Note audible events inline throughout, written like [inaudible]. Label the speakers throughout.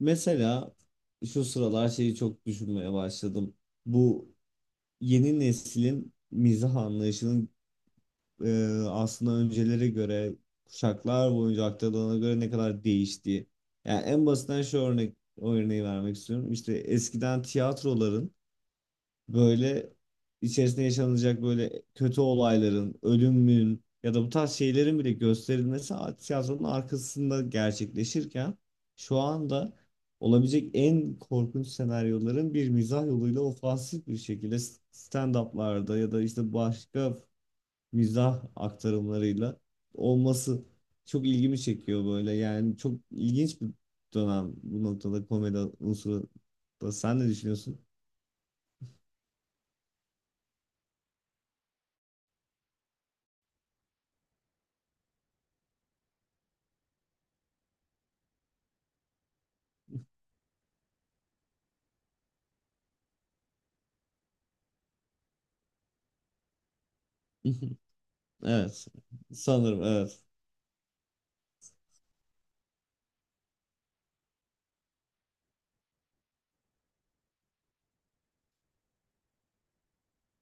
Speaker 1: Mesela şu sıralar şeyi çok düşünmeye başladım. Bu yeni neslin mizah anlayışının e, aslında öncelere göre kuşaklar boyunca aktarılana göre ne kadar değiştiği. Yani en basitinden şu örneği vermek istiyorum. İşte eskiden tiyatroların böyle içerisinde yaşanacak böyle kötü olayların, ölümün ya da bu tarz şeylerin bile gösterilmesi tiyatronun arkasında gerçekleşirken şu anda olabilecek en korkunç senaryoların bir mizah yoluyla ofansif bir şekilde stand-up'larda ya da işte başka mizah aktarımlarıyla olması çok ilgimi çekiyor böyle. Yani çok ilginç bir dönem bu noktada komedi unsuru da. Sen ne düşünüyorsun? [laughs] Evet. Sanırım evet.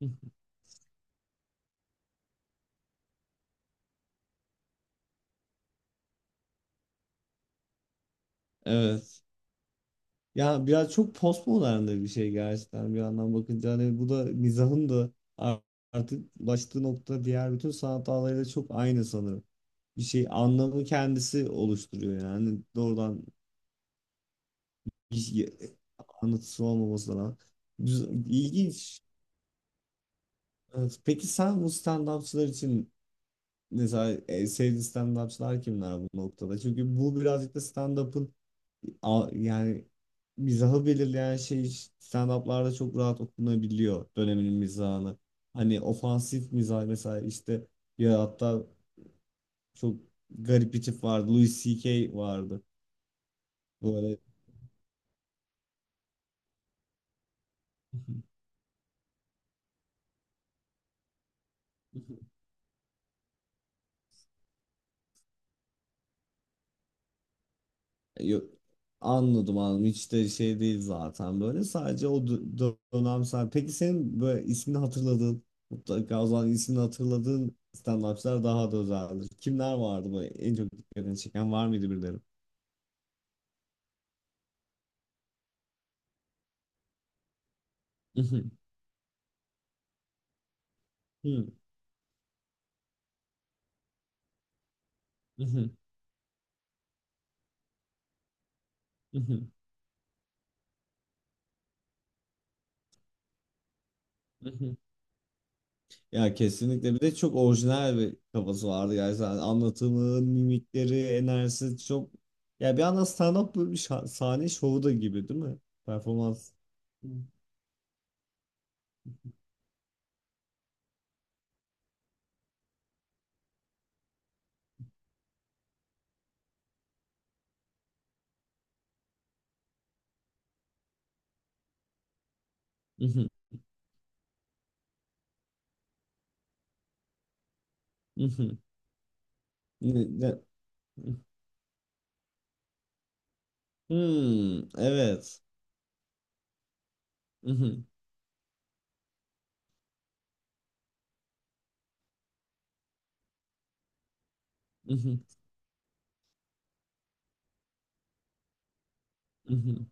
Speaker 1: [laughs] Evet. Ya biraz çok postmodern de bir şey gerçekten bir yandan bakınca. Hani bu da mizahın da ar- artık ulaştığı nokta diğer bütün sanat dallarıyla çok aynı sanırım. Bir şey anlamı kendisi oluşturuyor yani. Hani doğrudan bir şey- anlatısı olmaması da güzel, ilginç. Evet. Peki sen bu stand-upçılar için mesela sevdiğin stand-upçılar kimler bu noktada? Çünkü bu birazcık da stand-up'ın yani mizahı belirleyen şey stand-up'larda çok rahat okunabiliyor döneminin mizahını. Hani ofansif mizah mesela işte ya hatta çok garip bir tip vardı. Louis C.K. vardı. Böyle [laughs] Yok, anladım anladım. Hiç de şey değil zaten böyle. Sadece o dönemsel. Peki senin böyle ismini hatırladığın, mutlaka o zaman ismini hatırladığın stand-upçılar daha da özeldir. Kimler vardı böyle en çok dikkatini çeken var mıydı birileri? [laughs] Mhm, mhm, mhm. Ya kesinlikle bir de çok orijinal bir kafası vardı gerçekten anlatımı, mimikleri, enerjisi çok ya bir anda stand-up böyle bir sahne şovu da gibi değil mi? Performans. Mhm, mhm. Ne- ne- Hmm, evet. Mhm, mhm, mhm.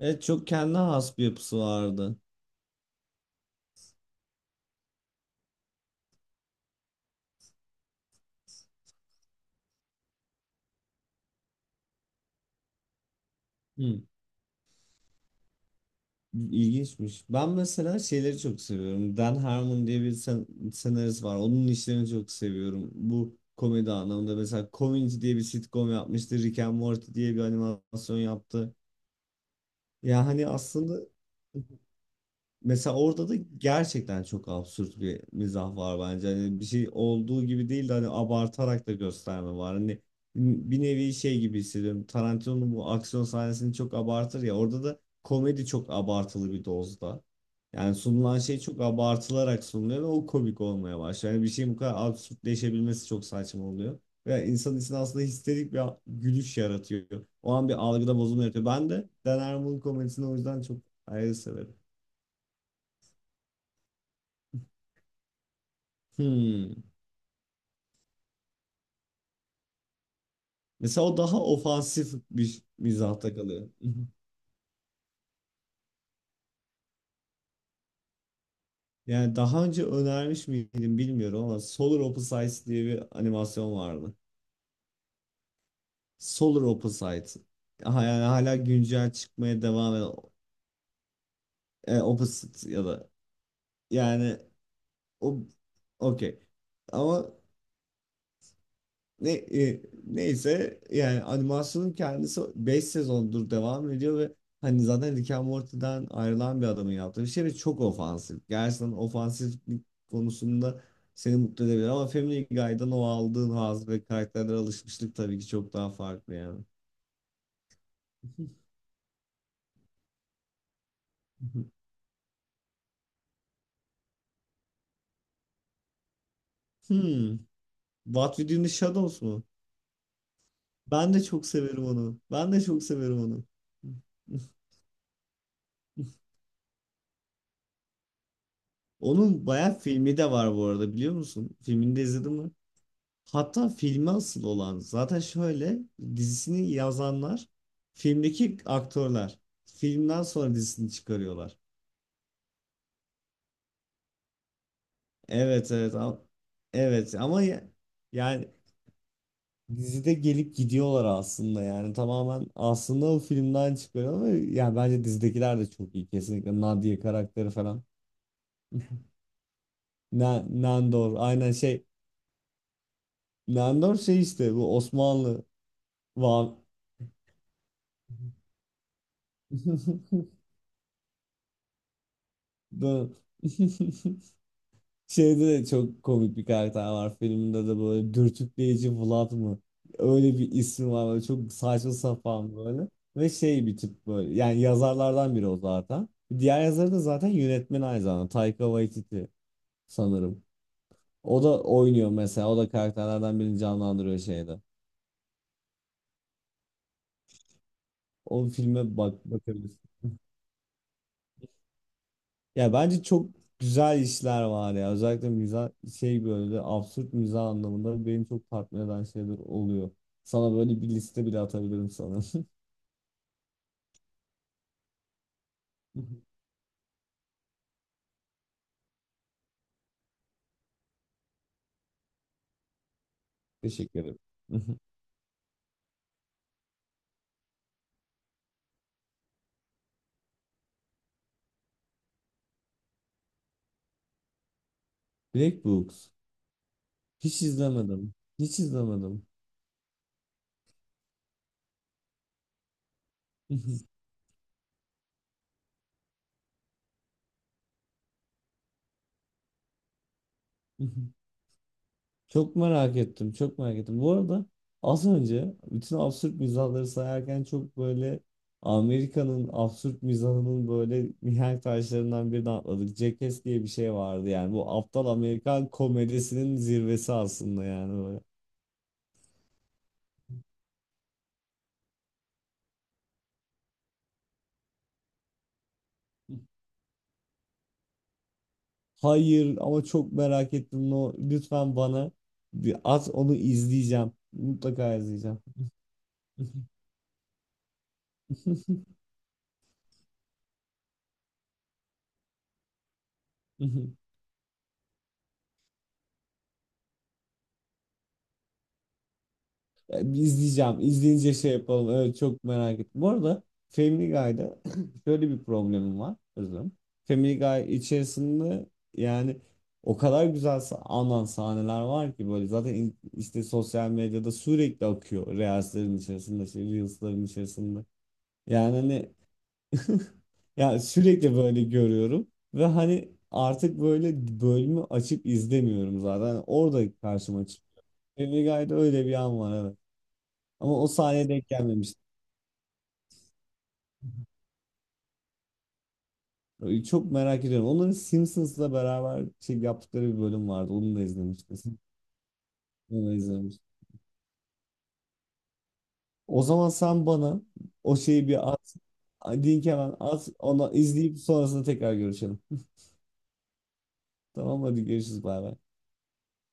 Speaker 1: Evet çok kendine has bir yapısı vardı. İlginçmiş. Ben mesela şeyleri çok seviyorum. Dan Harmon diye bir senarist var. Onun işlerini çok seviyorum. Bu komedi anlamında mesela Community diye bir sitcom yapmıştı. Rick and Morty diye bir animasyon yaptı. Ya hani aslında mesela orada da gerçekten çok absürt bir mizah var bence. Hani bir şey olduğu gibi değil de hani abartarak da gösterme var. Hani bir nevi şey gibi hissediyorum. Tarantino'nun bu aksiyon sahnesini çok abartır ya. Orada da komedi çok abartılı bir dozda. Yani sunulan şey çok abartılarak sunuluyor ve o komik olmaya başlıyor. Yani bir şeyin bu kadar absürtleşebilmesi çok saçma oluyor. Ve insanın içinde aslında histerik bir gülüş yaratıyor. O an bir algıda bozulma yaratıyor. Ben de Dan Harmon'un komedisini o yüzden çok ayrı severim. Hmm. Mesela o daha ofansif bir mizahta kalıyor. [laughs] Yani daha önce önermiş miydim bilmiyorum ama Solar Opposites diye bir animasyon vardı. Solar Opposites. Yani hala güncel çıkmaya devam eden Opposite ya da yani o okey. Ama neyse yani animasyonun kendisi 5 sezondur devam ediyor ve hani zaten Rick and Morty'den ayrılan bir adamın yaptığı bir şey ve çok ofansif. Gerçekten ofansiflik konusunda seni mutlu edebilir ama Family Guy'dan o aldığın haz ve karakterlere alışmışlık tabii ki çok daha farklı yani. [laughs] Hmm. What We Do in the Shadows mu? Ben de çok severim onu. Ben de çok severim onu. [laughs] Onun bayağı filmi de var bu arada biliyor musun? Filmini de izledin mi? Hatta filme asıl olan zaten şöyle dizisini yazanlar filmdeki aktörler. Filmden sonra dizisini çıkarıyorlar. Evet, ama, evet ama yani dizide gelip gidiyorlar aslında yani tamamen aslında o filmden çıkıyor ama yani bence dizidekiler de çok iyi kesinlikle Nadia karakteri falan. Nandor aynen şey Nandor şey işte bu Osmanlı va [laughs] Bu- [laughs] Şeyde de çok komik bir karakter var filmde de böyle dürtükleyici Vlad mı? Öyle bir ismi var böyle çok saçma sapan böyle. Ve şey bir tip böyle yani yazarlardan biri o zaten. Diğer yazarı da zaten yönetmen aynı zamanda Taika Waititi sanırım. O da oynuyor mesela o da karakterlerden birini canlandırıyor şeyde. O filme bakabilirsin. Ya bence çok güzel işler var ya. Özellikle mizah şey böyle absürt mizah anlamında benim çok tatmin eden şeyler oluyor. Böyle bir liste bile atabilirim sana. [laughs] Teşekkür ederim. [laughs] Black Books. Hiç izlemedim. Hiç izlemedim. [laughs] Çok merak ettim, çok merak ettim. Bu arada az önce bütün absürt mizahları sayarken çok böyle Amerika'nın absürt mizahının böyle mihenk taşlarından birini atladık. Jackass diye bir şey vardı yani. Bu aptal Amerikan komedisinin zirvesi aslında yani böyle. Hayır ama çok merak ettim. No, lütfen bana bir at onu izleyeceğim. Mutlaka izleyeceğim. [laughs] Bir izleyeceğim. İzleyince şey yapalım. Evet, çok merak ettim. Bu arada Family Guy'da [clears throat] şöyle bir problemim var. Özürüm. Family Guy içerisinde yani o kadar güzel anan sahneler var ki böyle zaten işte sosyal medyada sürekli akıyor. Reels'lerin içerisinde, şey, Reels'lerin içerisinde. Yani hani [laughs] ya sürekli böyle görüyorum ve hani artık böyle bölümü açıp izlemiyorum zaten. Orada karşıma çıkıyor. Family Guy'da öyle bir an var evet. Ama o sahneye denk gelmemiştim. Çok merak ediyorum. Onların Simpsons'la beraber şey yaptıkları bir bölüm vardı. Onu da izlemiştim. Onu da izlemiştim. O zaman sen bana o şeyi bir at. Link hemen at. Onu izleyip sonrasında tekrar görüşelim. Tamam hadi görüşürüz. Bay bay.